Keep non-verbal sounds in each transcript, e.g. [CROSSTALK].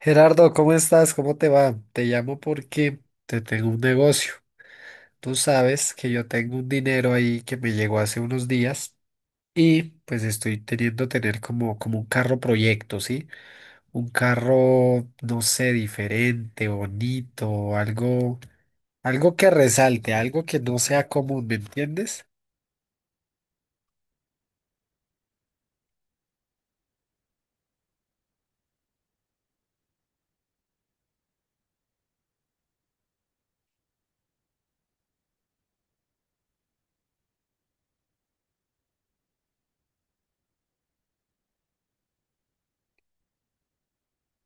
Gerardo, ¿cómo estás? ¿Cómo te va? Te llamo porque te tengo un negocio. Tú sabes que yo tengo un dinero ahí que me llegó hace unos días y pues estoy teniendo tener como, como un carro proyecto, ¿sí? Un carro, no sé, diferente, bonito, algo, algo que resalte, algo que no sea común, ¿me entiendes?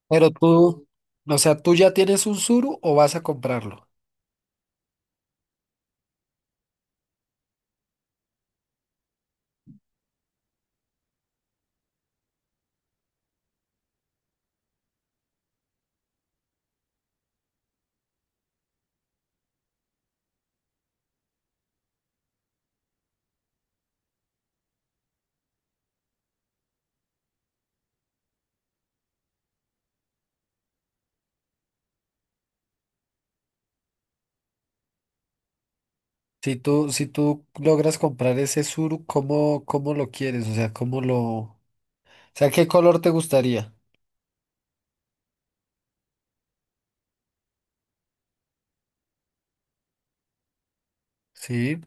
Pero tú, o sea, ¿tú ya tienes un Suru o vas a comprarlo? Si tú, si tú logras comprar ese suru, ¿cómo, cómo lo quieres? O sea, ¿cómo lo... O sea, ¿qué color te gustaría? Sí.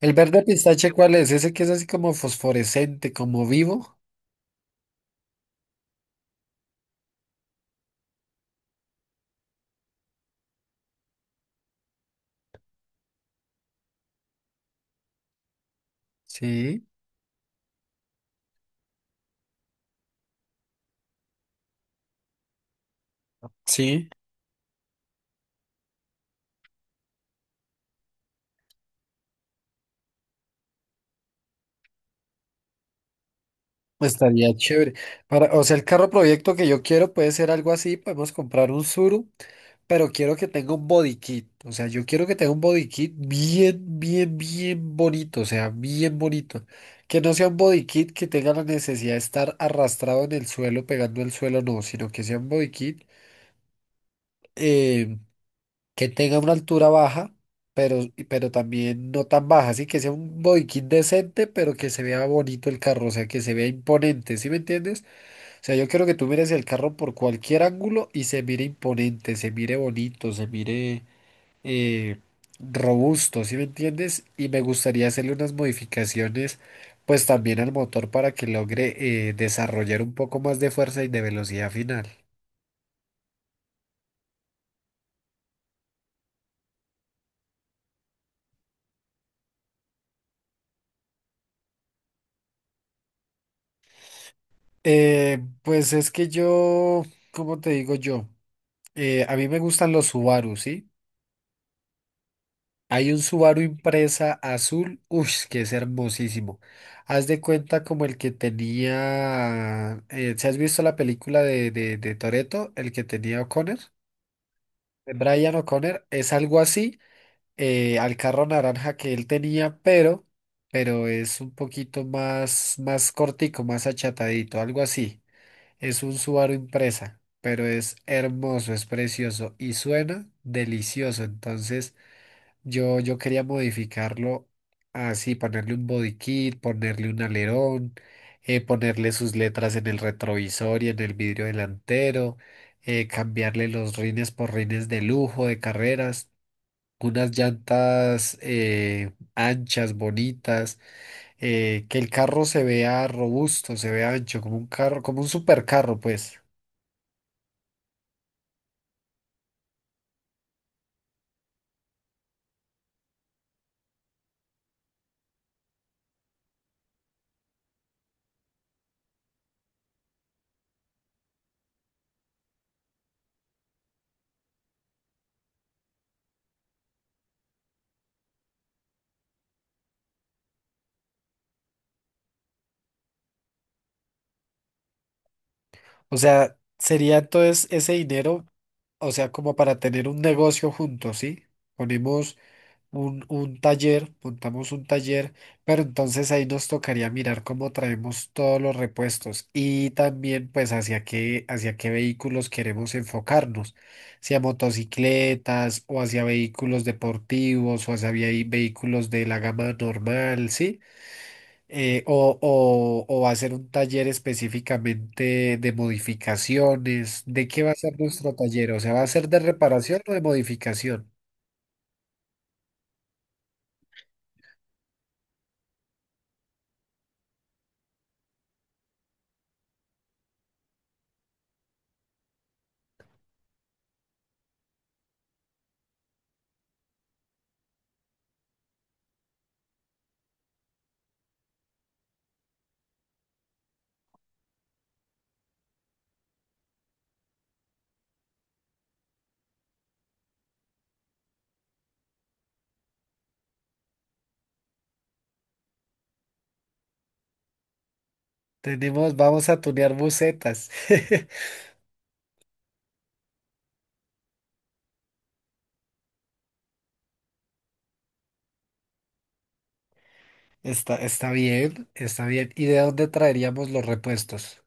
¿El verde pistache cuál es? Ese que es así como fosforescente, como vivo. Sí. Sí. Estaría chévere. Para, o sea, el carro proyecto que yo quiero puede ser algo así. Podemos comprar un Suru, pero quiero que tenga un body kit. O sea, yo quiero que tenga un body kit bien, bien, bien bonito. O sea, bien bonito. Que no sea un body kit que tenga la necesidad de estar arrastrado en el suelo, pegando el suelo, no, sino que sea un body kit eh, que tenga una altura baja, pero, pero también no tan baja. Así que sea un body kit decente, pero que se vea bonito el carro. O sea, que se vea imponente. ¿Sí me entiendes? O sea, yo quiero que tú mires el carro por cualquier ángulo y se mire imponente, se mire bonito, se mire eh, robusto, ¿sí me entiendes? Y me gustaría hacerle unas modificaciones, pues también al motor para que logre desarrollar un poco más de fuerza y de velocidad final. Pues es que yo, ¿cómo te digo yo? A mí me gustan los Subaru, ¿sí? Hay un Subaru Impresa azul, uy, que es hermosísimo. Haz de cuenta como el que tenía, ¿si has visto la película de Toretto? El que tenía O'Connor, de Brian O'Connor, es algo así, al carro naranja que él tenía, pero es un poquito más, más cortico, más achatadito, algo así. Es un Subaru Impresa, pero es hermoso, es precioso y suena delicioso, entonces... Yo quería modificarlo así, ponerle un body kit, ponerle un alerón, ponerle sus letras en el retrovisor y en el vidrio delantero, cambiarle los rines por rines de lujo, de carreras, unas llantas anchas, bonitas, que el carro se vea robusto, se vea ancho, como un carro, como un supercarro, pues. O sea, sería entonces ese dinero, o sea, como para tener un negocio juntos, ¿sí? Ponemos un taller, montamos un taller, pero entonces ahí nos tocaría mirar cómo traemos todos los repuestos y también pues hacia qué vehículos queremos enfocarnos, si a motocicletas o hacia vehículos deportivos o hacia vehi- vehículos de la gama normal, ¿sí? O va a ser un taller específicamente de modificaciones. ¿De qué va a ser nuestro taller? O sea, ¿va a ser de reparación o de modificación? Tenemos, vamos a tunear bucetas. [LAUGHS] Está, está bien, está bien. ¿Y de dónde traeríamos los repuestos?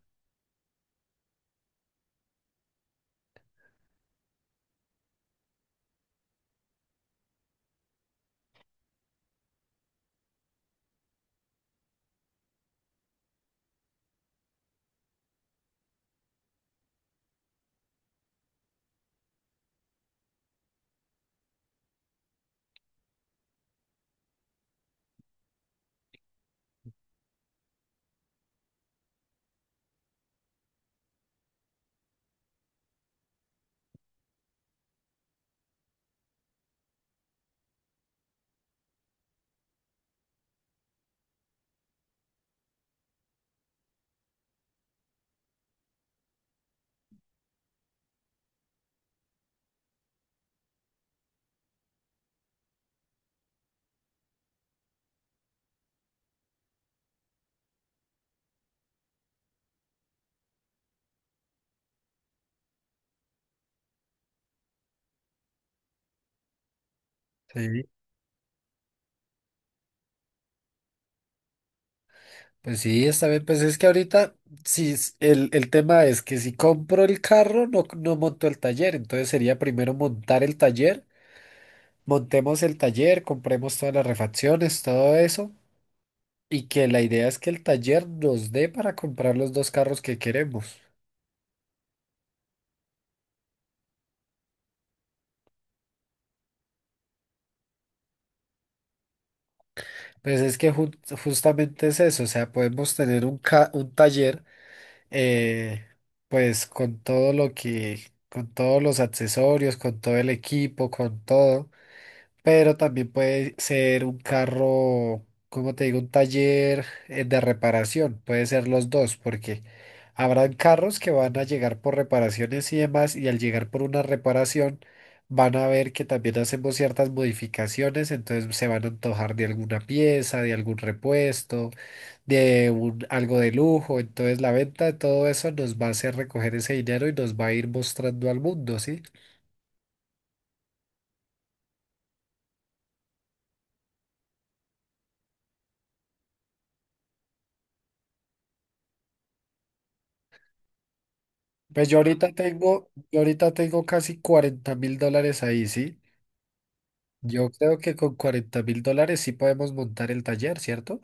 Sí. Pues sí, está bien. Pues es que ahorita, sí, es- el tema es que si compro el carro, no, no monto el taller. Entonces sería primero montar el taller, montemos el taller, compremos todas las refacciones, todo eso. Y que la idea es que el taller nos dé para comprar los dos carros que queremos. Pues es que ju- justamente es eso, o sea, podemos tener un, ca- un taller. eh, pues con todo lo que, con todos los accesorios, con todo el equipo, con todo, pero también puede ser un carro, como te digo, un taller de reparación, puede ser los dos, porque habrán carros que van a llegar por reparaciones y demás, y al llegar por una reparación van a ver que también hacemos ciertas modificaciones, entonces se van a antojar de alguna pieza, de algún repuesto de un- algo de lujo. Entonces la venta de todo eso nos va a hacer recoger ese dinero y nos va a ir mostrando al mundo, ¿sí? Pues yo ahorita tengo casi $40,000 ahí, ¿sí? Yo creo que con $40,000 sí podemos montar el taller, ¿cierto?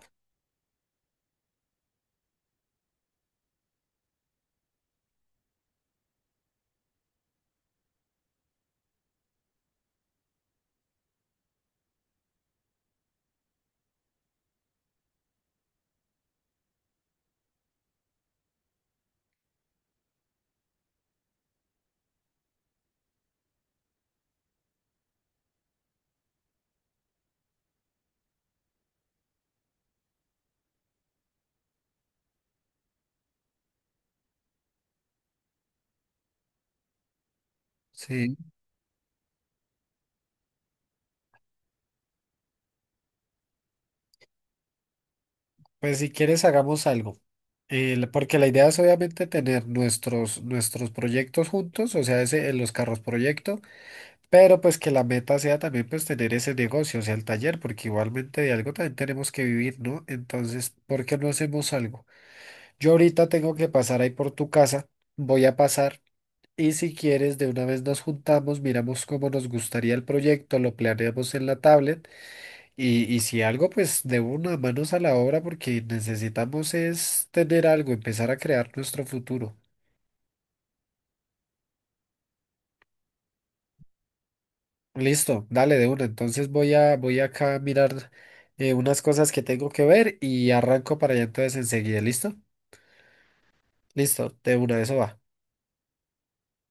Sí. Pues si quieres hagamos algo. Porque la idea es obviamente tener nuestros, nuestros proyectos juntos, o sea, ese, en los carros proyecto. Pero pues que la meta sea también pues tener ese negocio, o sea, el taller, porque igualmente de algo también tenemos que vivir, ¿no? Entonces, ¿por qué no hacemos algo? Yo ahorita tengo que pasar ahí por tu casa, voy a pasar y si quieres de una vez nos juntamos, miramos cómo nos gustaría el proyecto, lo planeamos en la tablet y si algo pues de una manos a la obra porque necesitamos es tener algo, empezar a crear nuestro futuro. Listo, dale de una. Entonces voy a voy acá a mirar unas cosas que tengo que ver y arranco para allá entonces enseguida. ¿Listo? Listo, de una, eso va.